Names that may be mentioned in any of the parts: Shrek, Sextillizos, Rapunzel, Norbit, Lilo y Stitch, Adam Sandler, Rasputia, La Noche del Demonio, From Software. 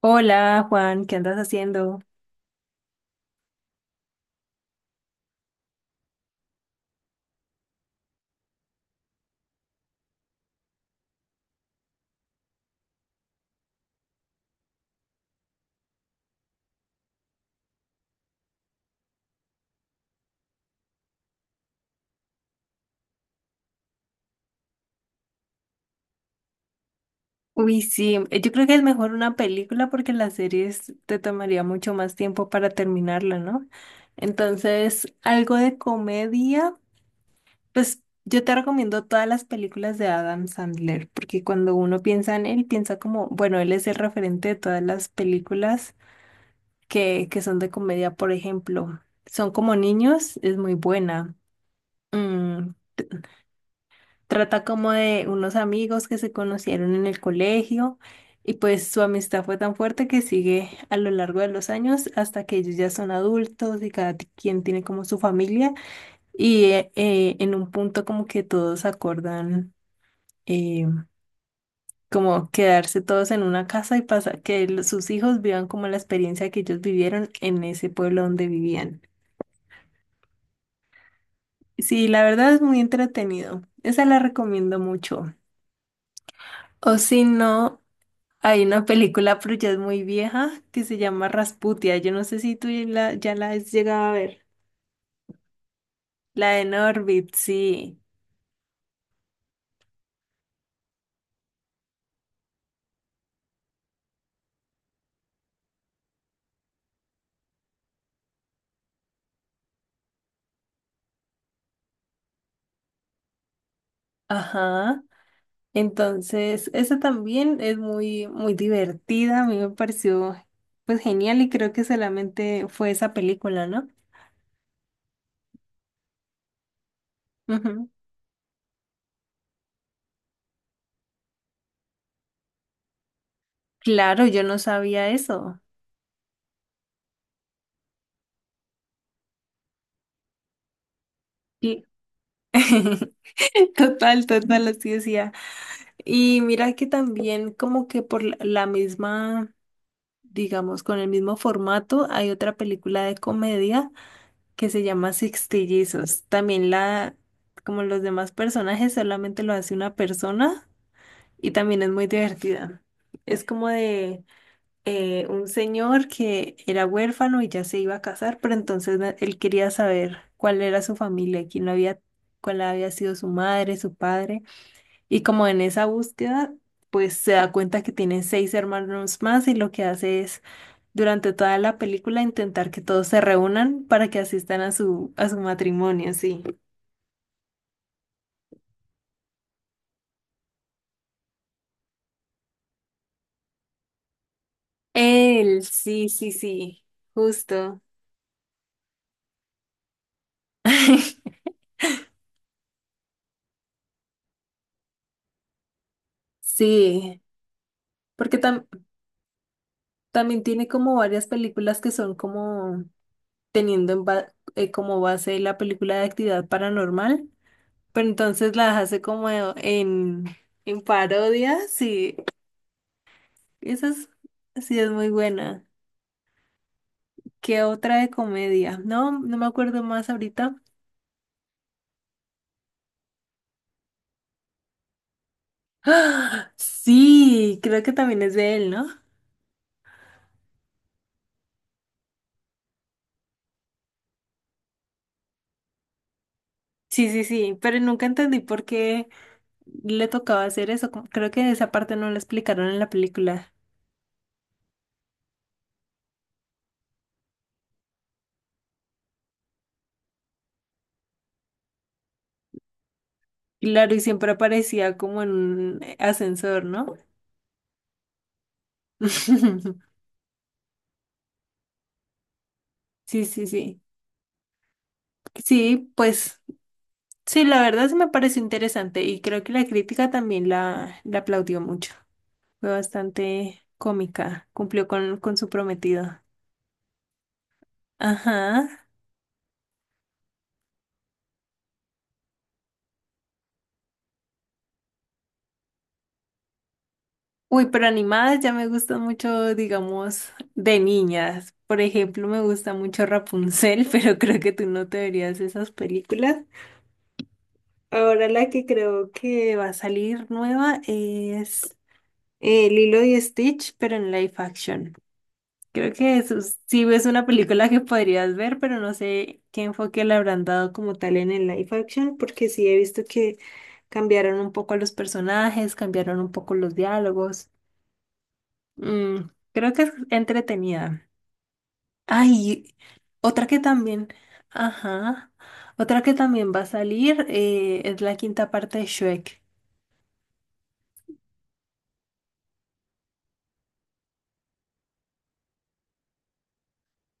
Hola Juan, ¿qué andas haciendo? Uy, sí, yo creo que es mejor una película porque las series te tomaría mucho más tiempo para terminarla, ¿no? Entonces, algo de comedia, pues yo te recomiendo todas las películas de Adam Sandler, porque cuando uno piensa en él, piensa como, bueno, él es el referente de todas las películas que son de comedia, por ejemplo. Son como niños, es muy buena. Mm, trata como de unos amigos que se conocieron en el colegio y pues su amistad fue tan fuerte que sigue a lo largo de los años hasta que ellos ya son adultos y quien tiene como su familia y en un punto como que todos acordan eh, como quedarse todos en una casa y pasa que sus hijos vivan como la experiencia que ellos vivieron en ese pueblo donde vivían. Sí, la verdad es muy entretenido. Esa la recomiendo mucho. O si no... hay una película, pero ya es muy vieja, que se llama Rasputia. Yo no sé si tú ya la has llegado a ver. La de Norbit, sí. Ajá. Entonces, esa también es muy divertida. A mí me pareció, pues, genial y creo que solamente fue esa película, ¿no? Ujú. Claro, yo no sabía eso. Y... Total, total, así decía. Y mira que también como que por la misma... digamos, con el mismo formato, hay otra película de comedia que se llama Sextillizos. También la, como los demás personajes, solamente lo hace una persona y también es muy divertida. Es como de un señor que era huérfano y ya se iba a casar, pero entonces él quería saber cuál era su familia, quién lo había, cuál había sido su madre, su padre, y como en esa búsqueda, pues se da cuenta que tiene seis hermanos más y lo que hace es durante toda la película intentar que todos se reúnan para que asistan a a su matrimonio, sí. Él, sí, sí, sí, justo. Sí, porque también tiene como varias películas que son como teniendo en como base la película de actividad paranormal, pero entonces las hace como en parodia, sí, esa es, sí es muy buena. ¿Qué otra de comedia? No, me acuerdo más ahorita. ¡Ah! Sí, creo que también es de él, ¿no? Sí, sí, sí, pero nunca entendí por qué le tocaba hacer eso. Creo que esa parte no la explicaron en la película. Claro, y siempre aparecía como en un ascensor, ¿no? Sí, sí, sí. Sí, pues sí, la verdad sí me pareció interesante y creo que la crítica también la aplaudió mucho. Fue bastante cómica, cumplió con su prometido. Ajá. Uy, pero animadas ya me gustan mucho, digamos, de niñas. Por ejemplo, me gusta mucho Rapunzel, pero creo que tú no te verías esas películas. Ahora la que creo que va a salir nueva es Lilo y Stitch, pero en live action. Creo que sí es una película que podrías ver, pero no sé qué enfoque le habrán dado como tal en el live action, porque sí he visto que cambiaron un poco a los personajes, cambiaron un poco los diálogos. Mm, creo que es entretenida. Ay, otra que también, ajá, otra que también va a salir es la quinta parte de Shrek.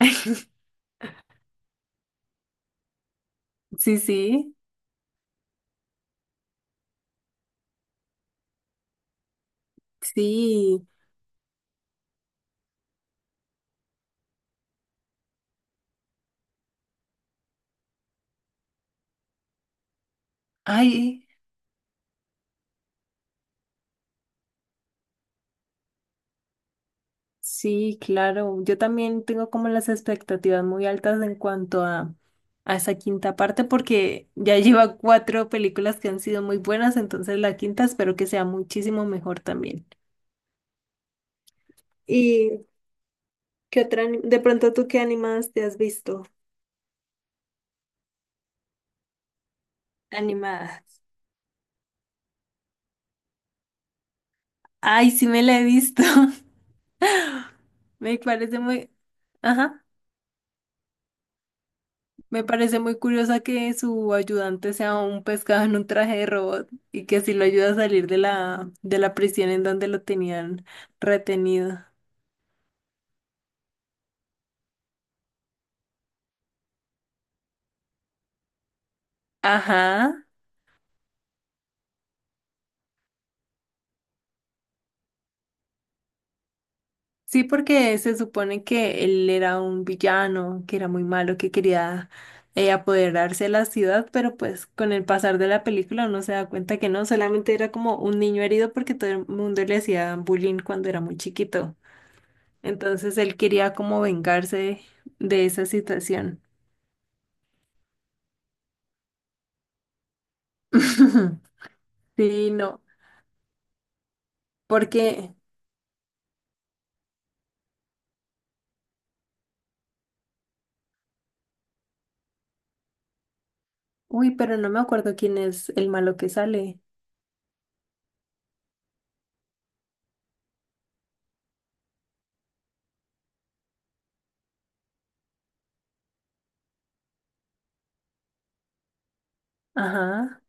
Sí, sí, sí. Ay, sí, claro. Yo también tengo como las expectativas muy altas en cuanto a esa quinta parte porque ya lleva cuatro películas que han sido muy buenas, entonces la quinta espero que sea muchísimo mejor también. ¿Y qué otra, de pronto tú qué animadas te has visto? Animadas. Ay, sí me la he visto. Me parece muy, ajá, me parece muy curiosa que su ayudante sea un pescado en un traje de robot y que así lo ayuda a salir de de la prisión en donde lo tenían retenido. Ajá. Sí, porque se supone que él era un villano, que era muy malo, que quería apoderarse de la ciudad, pero pues con el pasar de la película uno se da cuenta que no, solamente era como un niño herido porque todo el mundo le hacía bullying cuando era muy chiquito. Entonces él quería como vengarse de esa situación. Sí, no, porque, uy, pero no me acuerdo quién es el malo que sale. Ajá.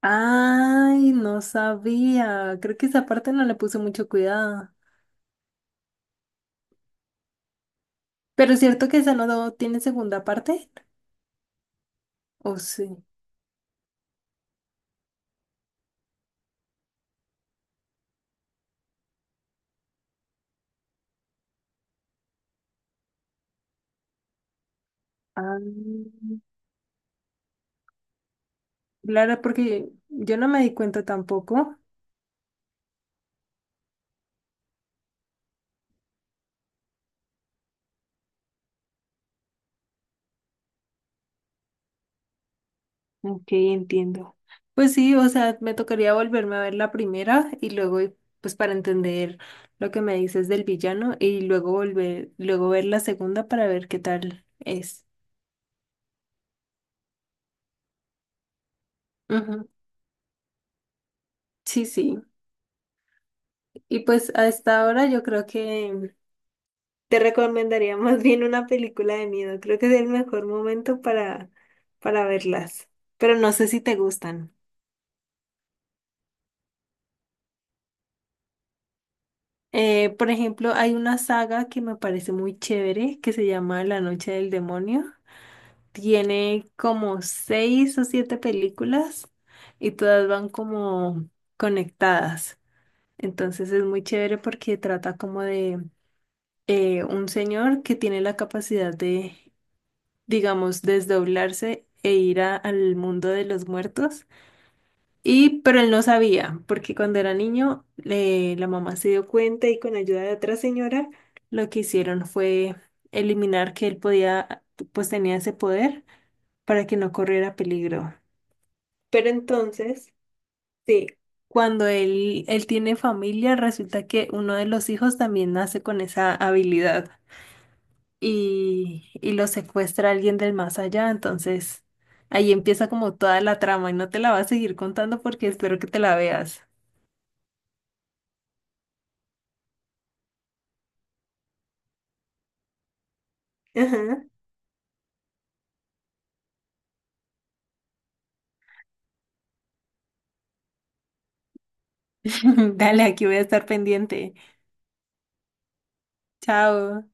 Ay, no sabía. Creo que esa parte no le puse mucho cuidado. Pero es cierto que esa no tiene segunda parte. ¿O sí? Ah, claro, porque yo no me di cuenta tampoco. Ok, entiendo. Pues sí, o sea, me tocaría volverme a ver la primera y pues para entender lo que me dices del villano y luego volver, luego ver la segunda para ver qué tal es. Ujú, sí, sí. Y pues a esta hora yo creo que te recomendaría más bien una película de miedo. Creo que es el mejor momento para verlas. Pero no sé si te gustan. Por ejemplo, hay una saga que me parece muy chévere que se llama La Noche del Demonio. Tiene como seis o siete películas y todas van como conectadas. Entonces es muy chévere porque trata como de un señor que tiene la capacidad de digamos, desdoblarse e ir al mundo de los muertos. Y, pero él no sabía, porque cuando era niño, la mamá se dio cuenta y con ayuda de otra señora, lo que hicieron fue eliminar que él podía, pues tenía ese poder para que no corriera peligro. Pero entonces, sí, cuando él tiene familia, resulta que uno de los hijos también nace con esa habilidad. Y, y lo secuestra alguien del más allá. Entonces, ahí empieza como toda la trama y no te la va a seguir contando porque espero que te la veas. Ajá. Dale, aquí voy a estar pendiente. Chao.